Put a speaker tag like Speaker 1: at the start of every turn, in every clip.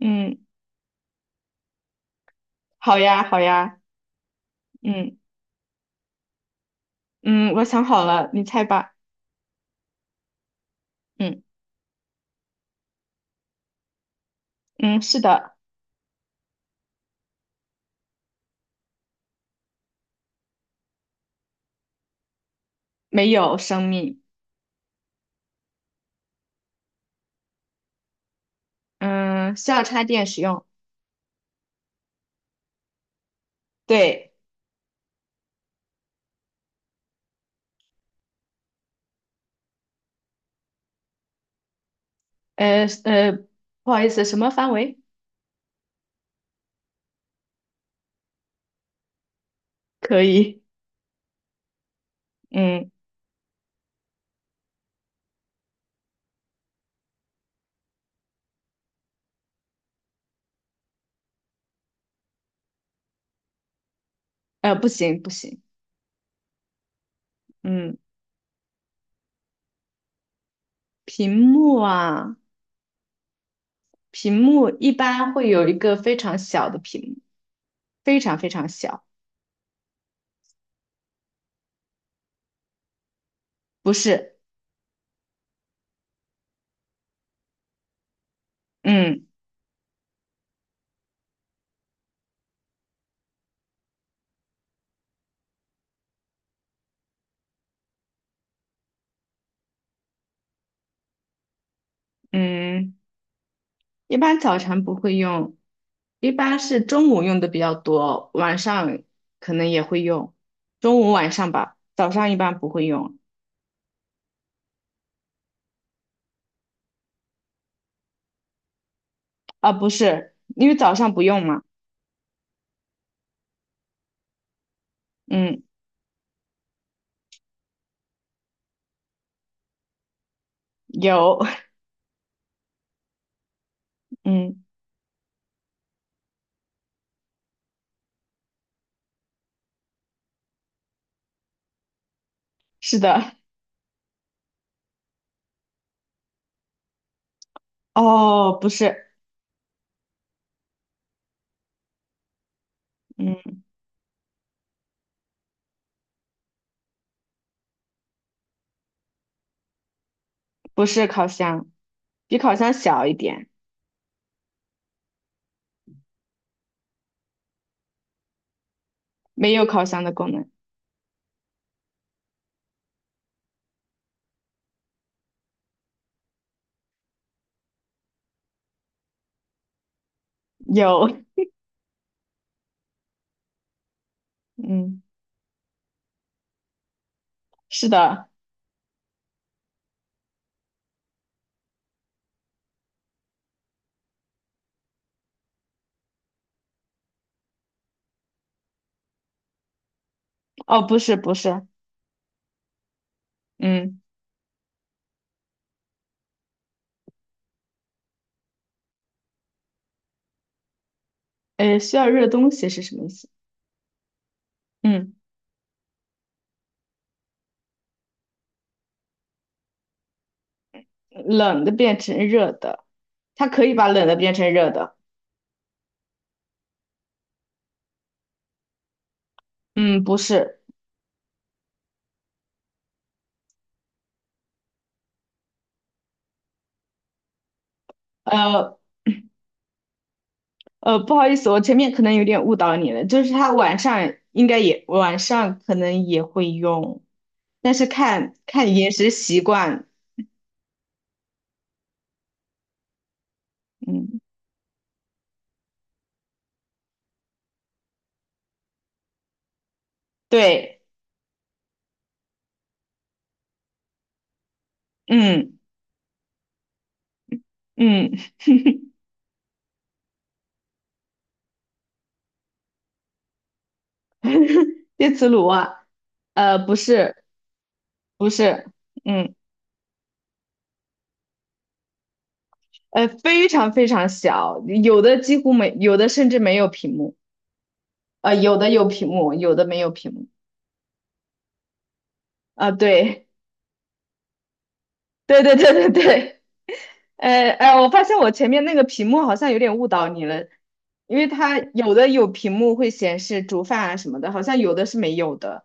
Speaker 1: 嗯，好呀，好呀，嗯嗯，我想好了，你猜吧。嗯嗯，是的，没有生命，嗯，需要插电使用。对，呃呃，不好意思，什么范围？可以，嗯，不行不行，嗯，屏幕啊，屏幕一般会有一个非常小的屏幕，非常非常小，不是，嗯嗯。一般早晨不会用，一般是中午用的比较多，晚上可能也会用，中午晚上吧，早上一般不会用，啊，不是，因为早上不用嘛，嗯，有，嗯，是的，哦，不是，嗯，不是烤箱，比烤箱小一点，没有烤箱的功能，有，嗯，是的，哦，不是，不是，嗯，需要热东西是什么意思？嗯。冷的变成热的，它可以把冷的变成热的。嗯，不是，呃不好意思，我前面可能有点误导你了，就是它晚上可能也会用，但是看看饮食习惯。嗯，对，嗯嗯，电磁炉啊，不是不是，嗯，非常非常小，有的几乎没，有的甚至没有屏幕，有的有屏幕，有的没有屏幕。啊，对。对对对对对，我发现我前面那个屏幕好像有点误导你了，因为它有的有屏幕会显示煮饭啊什么的，好像有的是没有的。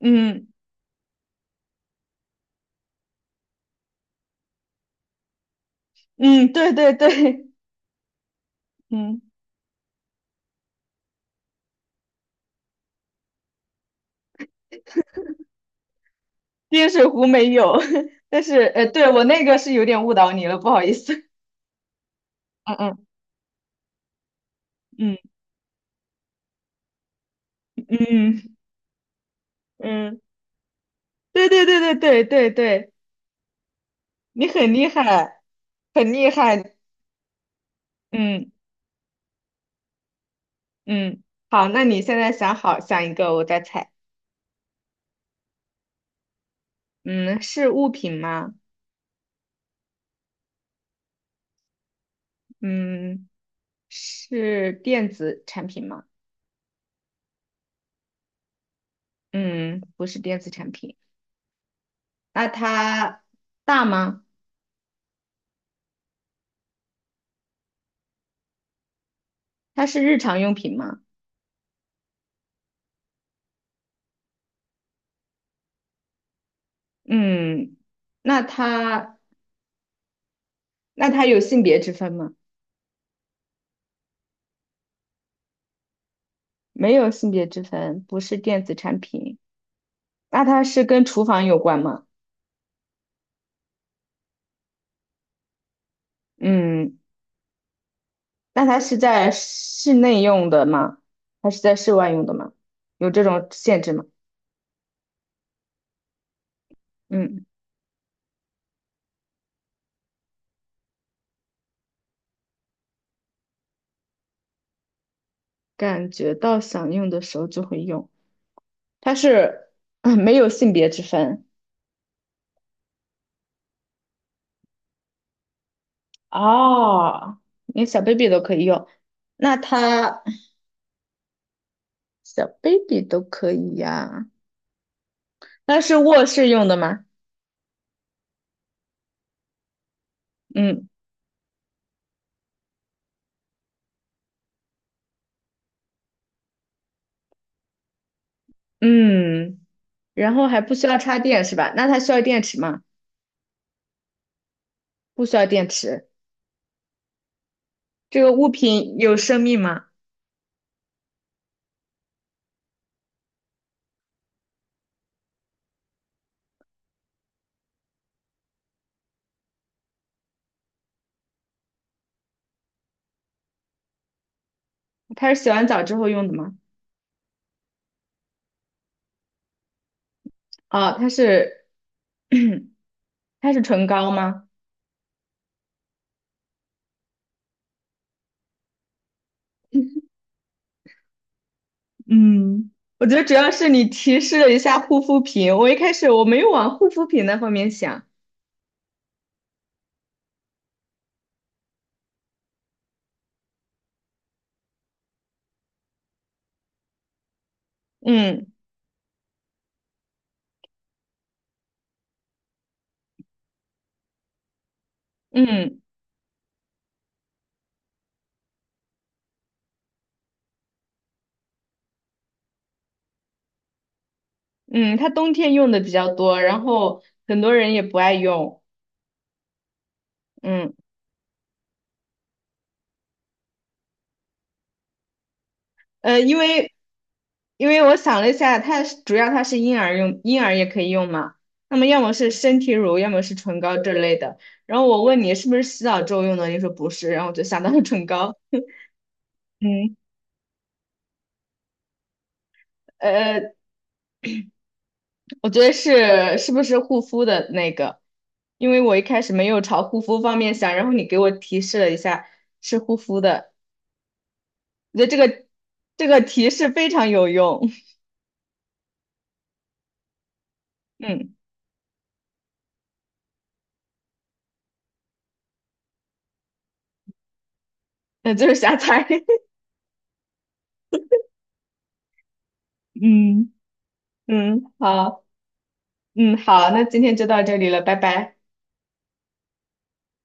Speaker 1: 嗯嗯，对对对，嗯，电水壶没有，但是对我那个是有点误导你了，不好意思。嗯嗯嗯嗯嗯，对对对对对对对，你很厉害，很厉害。嗯嗯，好，那你现在想一个，我再猜。嗯，是物品吗？嗯，是电子产品吗？嗯，不是电子产品。那它大吗？它是日常用品吗？嗯，那它那它有性别之分吗？没有性别之分，不是电子产品。那它是跟厨房有关吗？嗯，那它是在室内用的吗？还是在室外用的吗？有这种限制吗？嗯，感觉到想用的时候就会用。它是嗯没有性别之分哦，连小 baby 都可以用。那它小 baby 都可以呀、那是卧室用的吗？嗯嗯，然后还不需要插电是吧？那它需要电池吗？不需要电池。这个物品有生命吗？它是洗完澡之后用的吗？哦，它是 它是唇膏吗？嗯，我觉得主要是你提示了一下护肤品，我一开始没有往护肤品那方面想。嗯嗯嗯，它冬天用的比较多，然后很多人也不爱用。嗯呃，因为因为我想了一下，它是婴儿用，婴儿也可以用嘛。那么要么是身体乳，要么是唇膏这类的。然后我问你是不是洗澡之后用的，你说不是，然后我就想到了唇膏。嗯呃，我觉得是不是护肤的那个？因为我一开始没有朝护肤方面想，然后你给我提示了一下是护肤的。我觉得这个提示非常有用。嗯，那就是瞎猜。嗯嗯，好，好，那今天就到这里了，拜拜。